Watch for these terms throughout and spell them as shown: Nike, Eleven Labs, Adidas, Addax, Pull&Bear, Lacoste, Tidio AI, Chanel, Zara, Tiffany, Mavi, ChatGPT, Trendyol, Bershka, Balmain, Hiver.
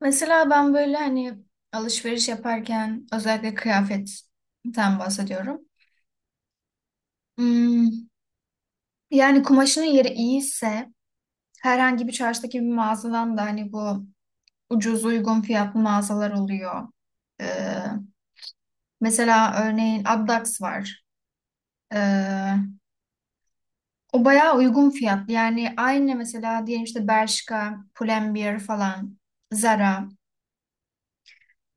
Mesela ben böyle hani alışveriş yaparken özellikle kıyafetten bahsediyorum. Hmm, Yani kumaşının yeri iyiyse herhangi bir çarşıdaki bir mağazadan da hani bu ucuz uygun fiyatlı mağazalar oluyor. Ee, mesela örneğin Addax var. Ee, o bayağı uygun fiyatlı. Yani aynı mesela diyelim işte Bershka, Pull&Bear falan, Zara.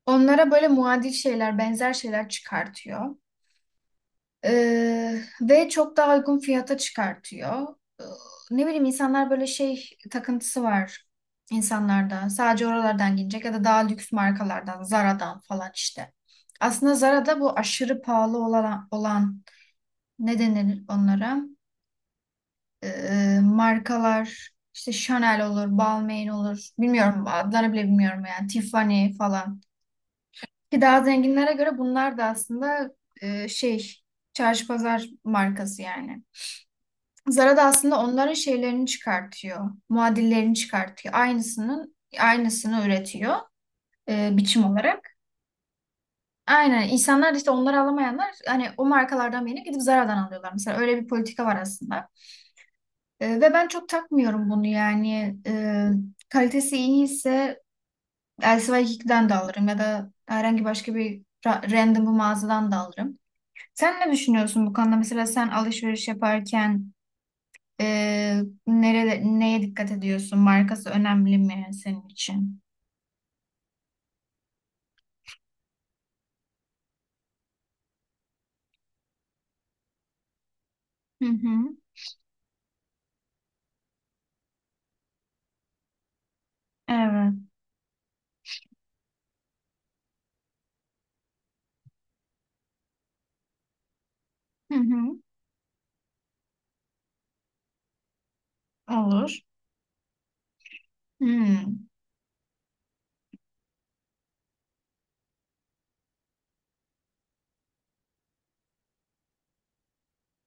Onlara böyle muadil şeyler, benzer şeyler çıkartıyor. Ve çok daha uygun fiyata çıkartıyor. Ne bileyim insanlar böyle şey takıntısı var insanlarda. Sadece oralardan gelecek ya da daha lüks markalardan, Zara'dan falan işte. Aslında Zara'da bu aşırı pahalı olan ne denir onlara? Markalar işte Chanel olur, Balmain olur. Bilmiyorum adlarını bile bilmiyorum yani. Tiffany falan. Ki daha zenginlere göre bunlar da aslında şey, çarşı pazar markası yani. Zara da aslında onların şeylerini çıkartıyor. Muadillerini çıkartıyor. Aynısının aynısını üretiyor, biçim olarak. Aynen. İnsanlar da işte onları alamayanlar hani o markalardan birini gidip Zara'dan alıyorlar. Mesela öyle bir politika var aslında. Ve ben çok takmıyorum bunu yani. Kalitesi iyiyse LC2'den de alırım ya da herhangi başka bir random bir mağazadan da alırım. Sen ne düşünüyorsun bu konuda? Mesela sen alışveriş yaparken, nerede, neye dikkat ediyorsun? Markası önemli mi senin için? Hı hı. Evet. Hı hı. Olur. hı.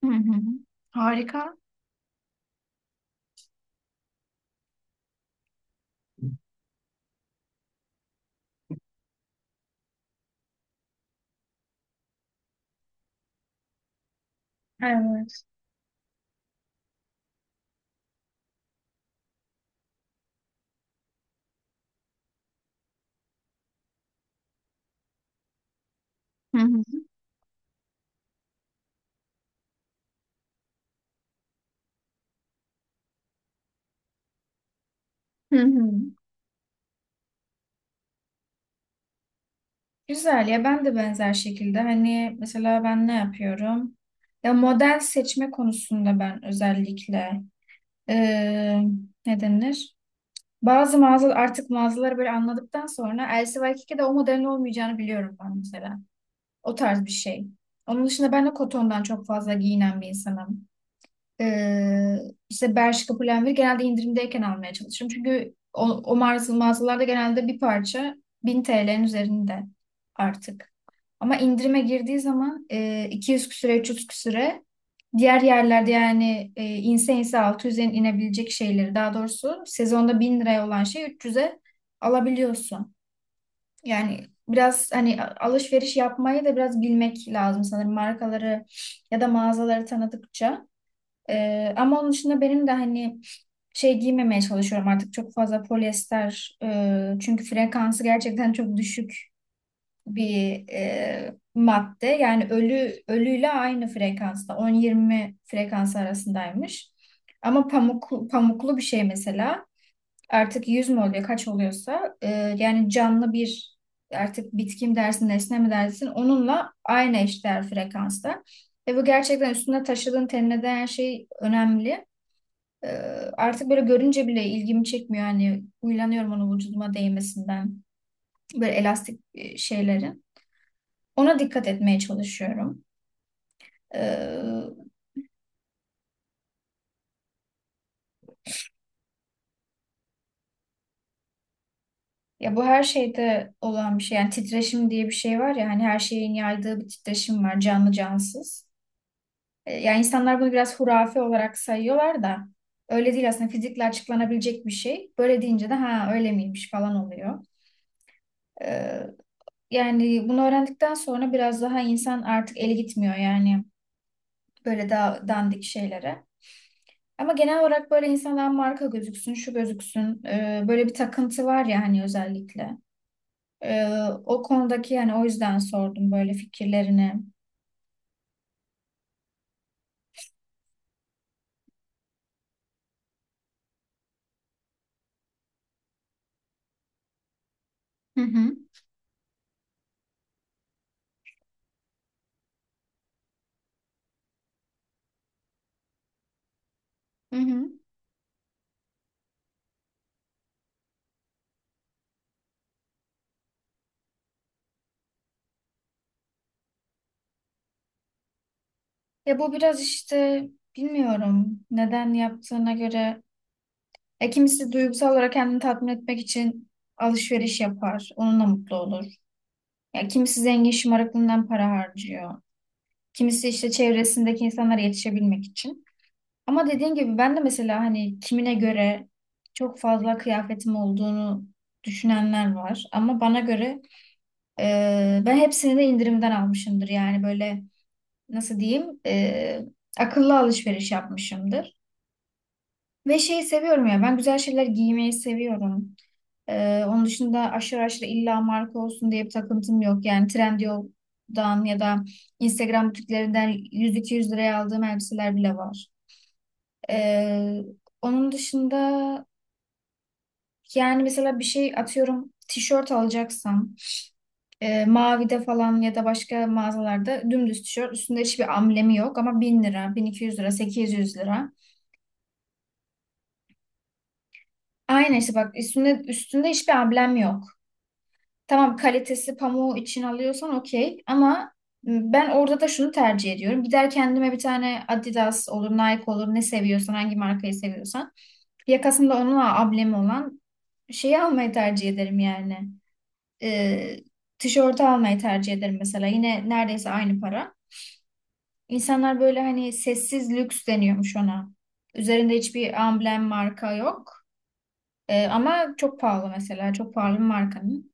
Hı hı. Harika. Evet. Hı hı. Hı hı. Güzel ya, ben de benzer şekilde hani mesela ben ne yapıyorum? Ya model seçme konusunda ben özellikle eee ne denir? Bazı mağaza artık mağazaları böyle anladıktan sonra LCY2'de o modelin olmayacağını biliyorum ben mesela. O tarz bir şey. Onun dışında ben de kotondan çok fazla giyinen bir insanım. Ee, işte Bershka Pull&Bear genelde indirimdeyken almaya çalışırım. Çünkü o mağazalarda genelde bir parça 1000 TL'nin üzerinde artık. Ama indirime girdiği zaman 200 küsüre, 300 küsüre, diğer yerlerde yani, inse inse 600'e inebilecek şeyleri, daha doğrusu sezonda 1000 liraya olan şey 300'e alabiliyorsun. Yani biraz hani alışveriş yapmayı da biraz bilmek lazım sanırım, markaları ya da mağazaları tanıdıkça. Ama onun dışında benim de hani şey giymemeye çalışıyorum artık, çok fazla polyester, çünkü frekansı gerçekten çok düşük bir, madde. Yani ölü ölüyle aynı frekansta, 10-20 frekans arasındaymış. Ama pamuk, pamuklu bir şey mesela artık 100 mü oluyor kaç oluyorsa, yani canlı bir, artık bitki mi dersin nesne mi dersin, onunla aynı eşdeğer frekansta. Ve bu gerçekten üstünde taşıdığın, tenine değen şey önemli. E, artık böyle görünce bile ilgimi çekmiyor. Yani uylanıyorum onun vücuduma değmesinden. Böyle elastik şeylerin. Ona dikkat etmeye çalışıyorum. E, ya bu her şeyde olan bir şey. Yani titreşim diye bir şey var ya hani, her şeyin yaydığı bir titreşim var, canlı cansız. Yani insanlar bunu biraz hurafe olarak sayıyorlar da öyle değil aslında, fizikle açıklanabilecek bir şey. Böyle deyince de ha öyle miymiş falan oluyor. E, yani bunu öğrendikten sonra biraz daha insan artık eli gitmiyor yani, böyle daha dandik şeylere. Ama genel olarak böyle insandan marka gözüksün, şu gözüksün, böyle bir takıntı var ya hani, özellikle. E, o konudaki yani, o yüzden sordum böyle fikirlerini. Hı hı. Hı hı. Ya bu biraz işte, bilmiyorum neden yaptığına göre. Kimisi duygusal olarak kendini tatmin etmek için alışveriş yapar. Onunla mutlu olur. Ya kimisi zengin şımarıklığından para harcıyor. Kimisi işte çevresindeki insanlara yetişebilmek için. Ama dediğin gibi ben de mesela hani kimine göre çok fazla kıyafetim olduğunu düşünenler var. Ama bana göre ben hepsini de indirimden almışımdır. Yani böyle nasıl diyeyim, akıllı alışveriş yapmışımdır. Ve şeyi seviyorum ya, ben güzel şeyler giymeyi seviyorum. Onun dışında aşırı aşırı illa marka olsun diye bir takıntım yok. Yani Trendyol'dan ya da Instagram butiklerinden 100-200 liraya aldığım elbiseler bile var. Ee, onun dışında yani mesela bir şey, atıyorum tişört alacaksam, Mavi'de falan ya da başka mağazalarda, dümdüz tişört üstünde hiçbir amblemi yok ama 1000 lira, 1200 lira, 800 lira. Aynen işte bak, üstünde hiçbir amblem yok. Tamam, kalitesi pamuğu için alıyorsan okey, ama ben orada da şunu tercih ediyorum. Gider kendime bir tane, Adidas olur Nike olur, ne seviyorsan hangi markayı seviyorsan. Yakasında onunla ablemi olan şeyi almayı tercih ederim yani. Ee, tişörtü almayı tercih ederim mesela. Yine neredeyse aynı para. İnsanlar böyle hani, sessiz lüks deniyormuş ona. Üzerinde hiçbir amblem, marka yok. Ama çok pahalı mesela. Çok pahalı bir markanın.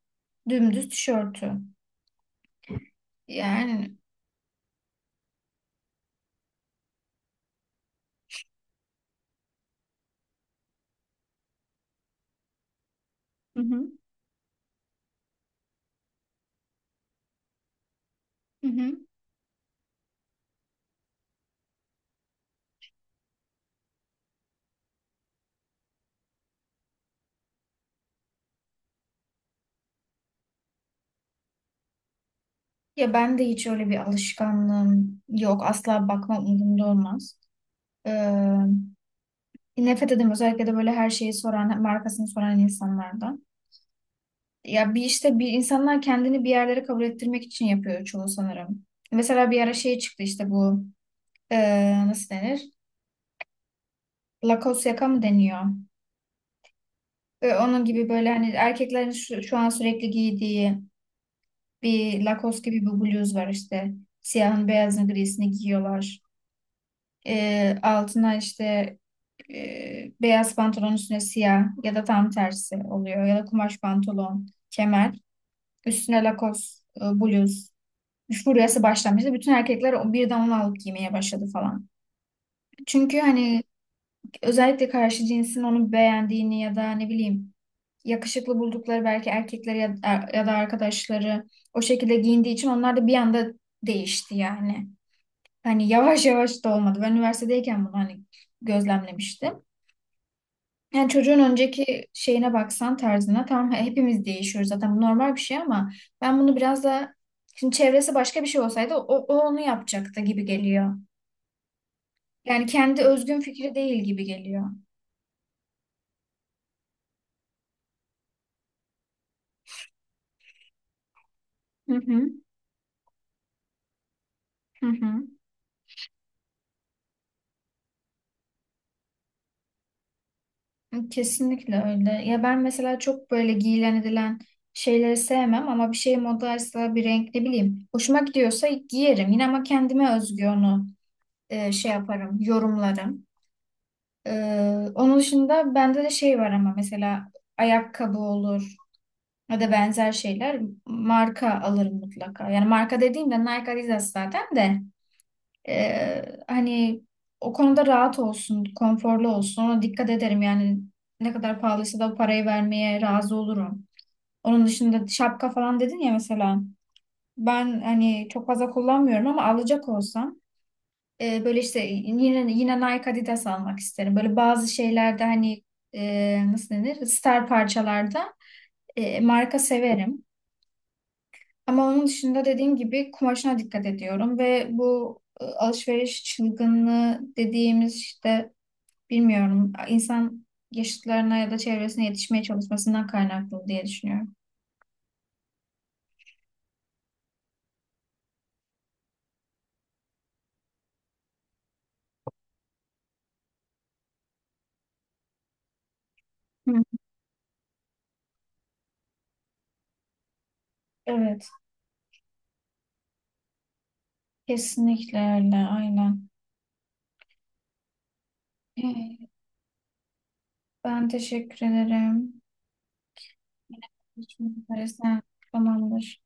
Dümdüz tişörtü. Yani. Hı hı. Hı hı. Ya ben de hiç öyle bir alışkanlığım yok. Asla bakmam, umurumda olmaz. Ee, nefret ederim özellikle de böyle her şeyi soran, markasını soran insanlardan. Ya bir işte, bir insanlar kendini bir yerlere kabul ettirmek için yapıyor çoğu sanırım. Mesela bir ara şey çıktı işte bu, nasıl denir? Lacoste yaka mı deniyor? Onun gibi böyle hani erkeklerin şu an sürekli giydiği bir Lacoste gibi bir bluz var işte. Siyahın beyazını grisini giyiyorlar. Altına işte, beyaz pantolon üstüne siyah ya da tam tersi oluyor. Ya da kumaş pantolon, kemer. Üstüne lakos, bluz. Furyası başlamıştı. Bütün erkekler birden onu alıp giymeye başladı falan. Çünkü hani özellikle karşı cinsin onu beğendiğini ya da ne bileyim, yakışıklı buldukları belki erkekleri ya, ya da arkadaşları o şekilde giyindiği için onlar da bir anda değişti yani. Hani yavaş yavaş da olmadı. Ben üniversitedeyken bunu hani gözlemlemiştim. Yani çocuğun önceki şeyine baksan, tarzına, tamam hepimiz değişiyoruz zaten, bu normal bir şey, ama ben bunu biraz da, şimdi çevresi başka bir şey olsaydı o onu yapacaktı gibi geliyor. Yani kendi özgün fikri değil gibi geliyor. Hı hı, hı hı. Kesinlikle öyle. Ya ben mesela çok böyle giyilen edilen şeyleri sevmem, ama bir şey modaysa, bir renk ne bileyim hoşuma gidiyorsa giyerim. Yine ama kendime özgü onu, şey yaparım, yorumlarım. Onun dışında bende de şey var ama mesela ayakkabı olur ya da benzer şeyler, marka alırım mutlaka. Yani marka dediğimde Nike Adidas zaten de, hani o konuda rahat olsun, konforlu olsun, ona dikkat ederim. Yani ne kadar pahalıysa da o parayı vermeye razı olurum. Onun dışında şapka falan dedin ya mesela, ben hani çok fazla kullanmıyorum ama alacak olsam, böyle işte yine yine Nike Adidas almak isterim. Böyle bazı şeylerde hani, nasıl denir? Star parçalarda, marka severim. Ama onun dışında dediğim gibi kumaşına dikkat ediyorum ve bu, alışveriş çılgınlığı dediğimiz işte, bilmiyorum, insan yaşıtlarına ya da çevresine yetişmeye çalışmasından kaynaklı diye düşünüyorum. Hı. Evet, kesinlikle öyle, aynen. Ee, Ben teşekkür ederim. Yine görüşmek üzere. Tamamdır.